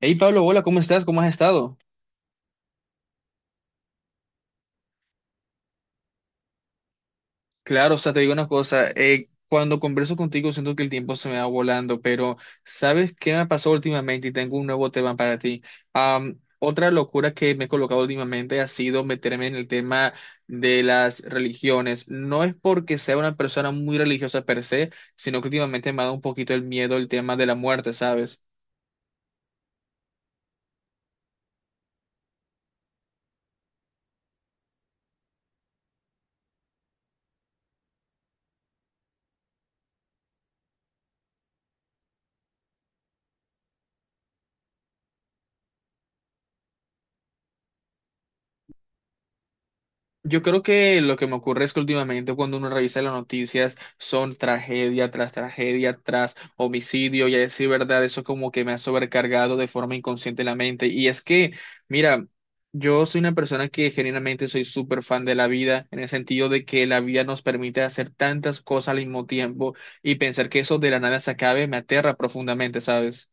Hey Pablo, hola, ¿cómo estás? ¿Cómo has estado? Claro, o sea, te digo una cosa, cuando converso contigo siento que el tiempo se me va volando, pero ¿sabes qué me pasó últimamente? Y tengo un nuevo tema para ti. Otra locura que me he colocado últimamente ha sido meterme en el tema de las religiones. No es porque sea una persona muy religiosa per se, sino que últimamente me ha dado un poquito el miedo el tema de la muerte, ¿sabes? Yo creo que lo que me ocurre es que últimamente cuando uno revisa las noticias son tragedia tras homicidio y a decir verdad, eso como que me ha sobrecargado de forma inconsciente la mente. Y es que, mira, yo soy una persona que genuinamente soy súper fan de la vida en el sentido de que la vida nos permite hacer tantas cosas al mismo tiempo y pensar que eso de la nada se acabe me aterra profundamente, ¿sabes?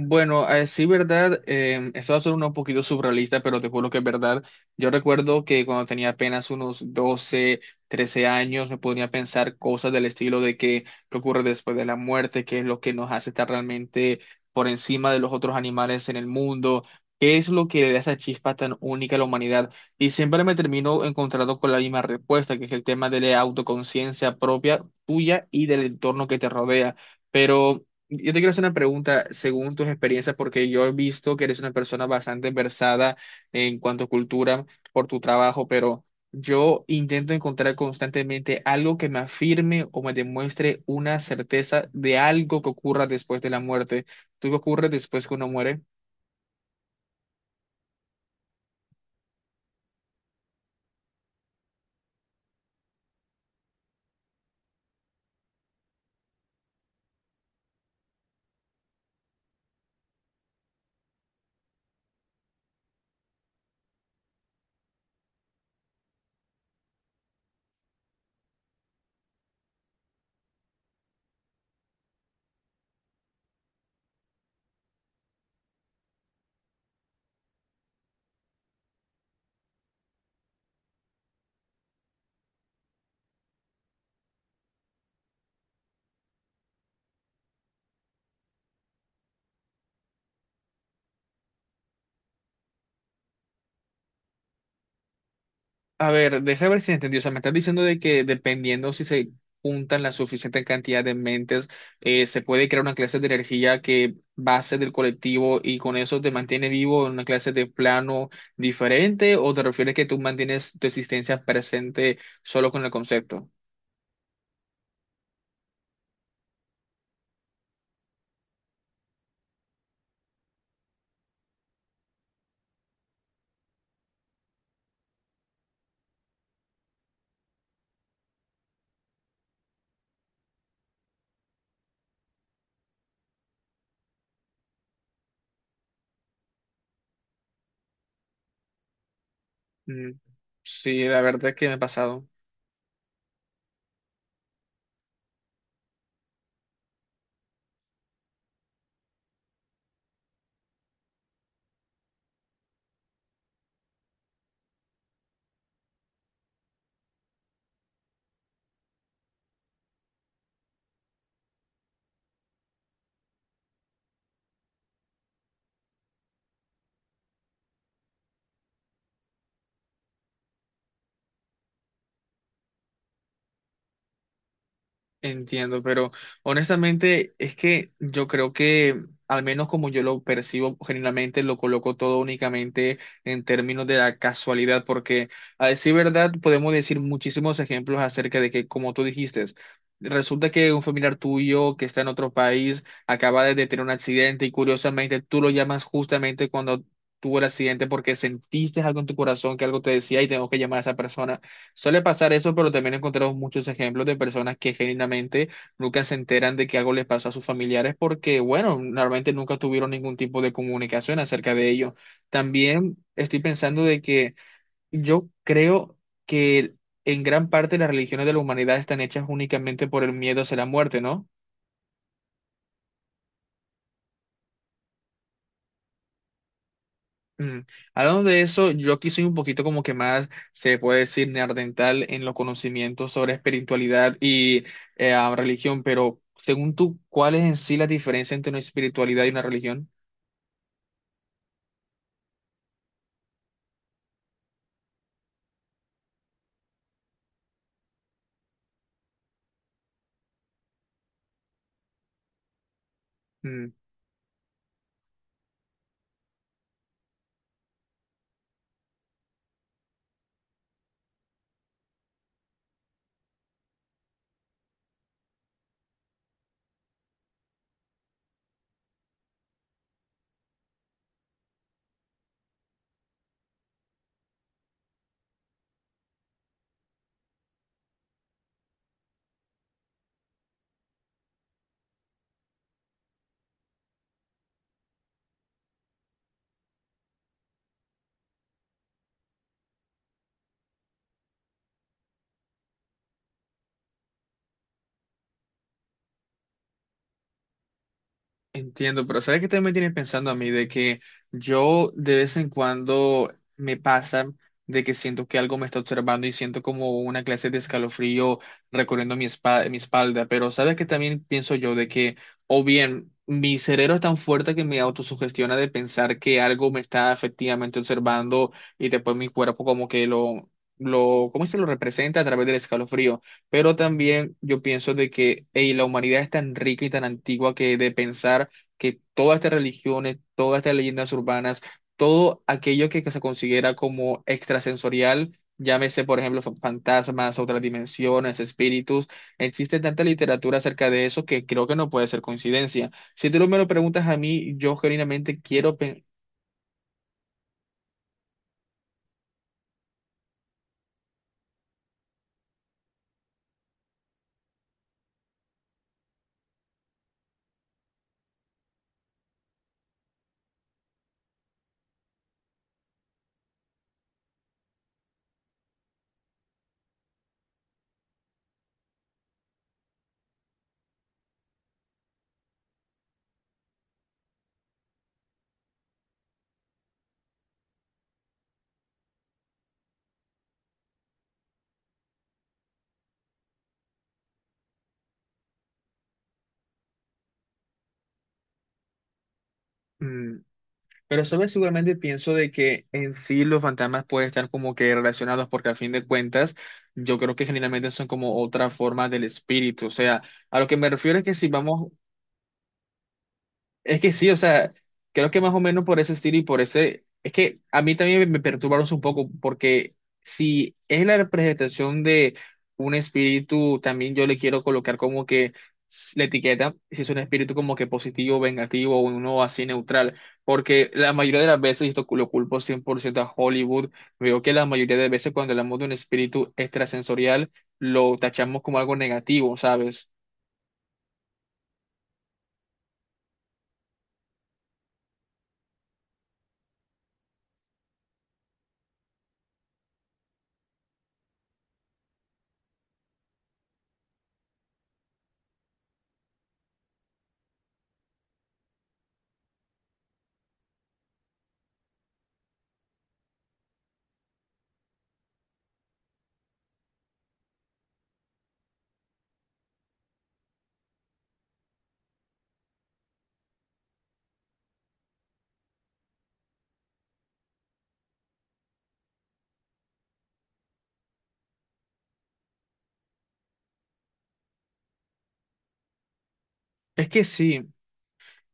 Bueno, sí, verdad, esto va a ser un poquito surrealista, pero te juro que es verdad. Yo recuerdo que cuando tenía apenas unos 12, 13 años, me ponía a pensar cosas del estilo de que, qué ocurre después de la muerte, qué es lo que nos hace estar realmente por encima de los otros animales en el mundo, qué es lo que le da esa chispa tan única a la humanidad. Y siempre me termino encontrando con la misma respuesta, que es el tema de la autoconciencia propia, tuya y del entorno que te rodea. Pero... yo te quiero hacer una pregunta según tus experiencias, porque yo he visto que eres una persona bastante versada en cuanto a cultura por tu trabajo, pero yo intento encontrar constantemente algo que me afirme o me demuestre una certeza de algo que ocurra después de la muerte. ¿Tú qué ocurre después que uno muere? A ver, déjame ver si entendí. O sea, me estás diciendo de que dependiendo si se juntan la suficiente cantidad de mentes, se puede crear una clase de energía que base del colectivo y con eso te mantiene vivo en una clase de plano diferente, ¿o te refieres que tú mantienes tu existencia presente solo con el concepto? Mm, sí, la verdad es que me ha pasado. Entiendo, pero honestamente es que yo creo que, al menos como yo lo percibo, generalmente lo coloco todo únicamente en términos de la casualidad, porque a decir verdad podemos decir muchísimos ejemplos acerca de que, como tú dijiste, resulta que un familiar tuyo que está en otro país acaba de tener un accidente y curiosamente tú lo llamas justamente cuando tuvo el accidente porque sentiste algo en tu corazón que algo te decía y tengo que llamar a esa persona. Suele pasar eso, pero también encontramos muchos ejemplos de personas que genuinamente nunca se enteran de que algo les pasó a sus familiares porque, bueno, normalmente nunca tuvieron ningún tipo de comunicación acerca de ello. También estoy pensando de que yo creo que en gran parte las religiones de la humanidad están hechas únicamente por el miedo hacia la muerte, ¿no? Mm. Hablando de eso, yo aquí soy un poquito como que más, se puede decir, neandertal en los conocimientos sobre espiritualidad y religión, pero según tú, ¿cuál es en sí la diferencia entre una espiritualidad y una religión? Entiendo, pero ¿sabes qué también me tiene pensando a mí? De que yo de vez en cuando me pasa de que siento que algo me está observando y siento como una clase de escalofrío recorriendo mi, mi espalda, pero ¿sabes qué también pienso yo? De que, o bien, mi cerebro es tan fuerte que me autosugestiona de pensar que algo me está efectivamente observando y después mi cuerpo como que lo, ¿cómo se lo representa a través del escalofrío? Pero también yo pienso de que ey, la humanidad es tan rica y tan antigua que de pensar que todas estas religiones, todas estas leyendas urbanas, todo aquello que se considera como extrasensorial, llámese por ejemplo fantasmas, otras dimensiones, espíritus, existe tanta literatura acerca de eso que creo que no puede ser coincidencia. Si tú me lo preguntas a mí, yo genuinamente quiero pensar. Pero sabes, seguramente pienso de que en sí los fantasmas pueden estar como que relacionados porque a fin de cuentas yo creo que generalmente son como otra forma del espíritu. O sea, a lo que me refiero es que si vamos es que sí, o sea, creo que más o menos por ese estilo y por ese, es que a mí también me perturbaron un poco, porque si es la representación de un espíritu, también yo le quiero colocar como que la etiqueta, si es un espíritu como que positivo, vengativo, o uno así neutral, porque la mayoría de las veces, y esto lo culpo 100% a Hollywood, veo que la mayoría de veces cuando hablamos de un espíritu extrasensorial, lo tachamos como algo negativo, ¿sabes? Es que sí.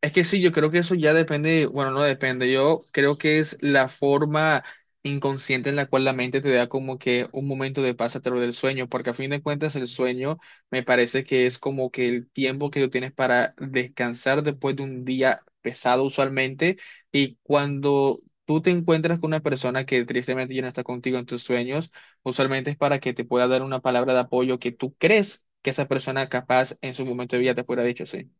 Es que sí, yo creo que eso ya depende, bueno, no depende, yo creo que es la forma inconsciente en la cual la mente te da como que un momento de paz a través del sueño, porque a fin de cuentas el sueño me parece que es como que el tiempo que tú tienes para descansar después de un día pesado usualmente, y cuando tú te encuentras con una persona que tristemente ya no está contigo en tus sueños, usualmente es para que te pueda dar una palabra de apoyo que tú crees que esa persona capaz en su momento de vida te pueda haber dicho, sí.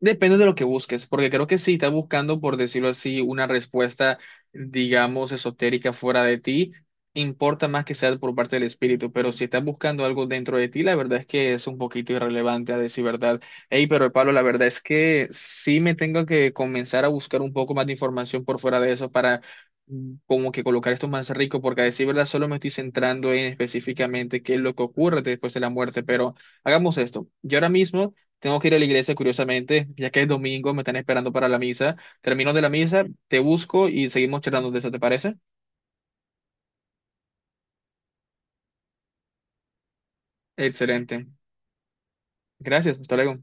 Depende de lo que busques, porque creo que si estás buscando, por decirlo así, una respuesta, digamos, esotérica fuera de ti, importa más que sea por parte del espíritu, pero si estás buscando algo dentro de ti, la verdad es que es un poquito irrelevante, a decir verdad. Hey pero Pablo, la verdad es que sí me tengo que comenzar a buscar un poco más de información por fuera de eso para como que colocar esto más rico, porque a decir verdad solo me estoy centrando en específicamente qué es lo que ocurre después de la muerte, pero hagamos esto. Yo ahora mismo... tengo que ir a la iglesia, curiosamente, ya que es domingo, me están esperando para la misa. Termino de la misa, te busco y seguimos charlando de eso, ¿te parece? Excelente. Gracias, hasta luego.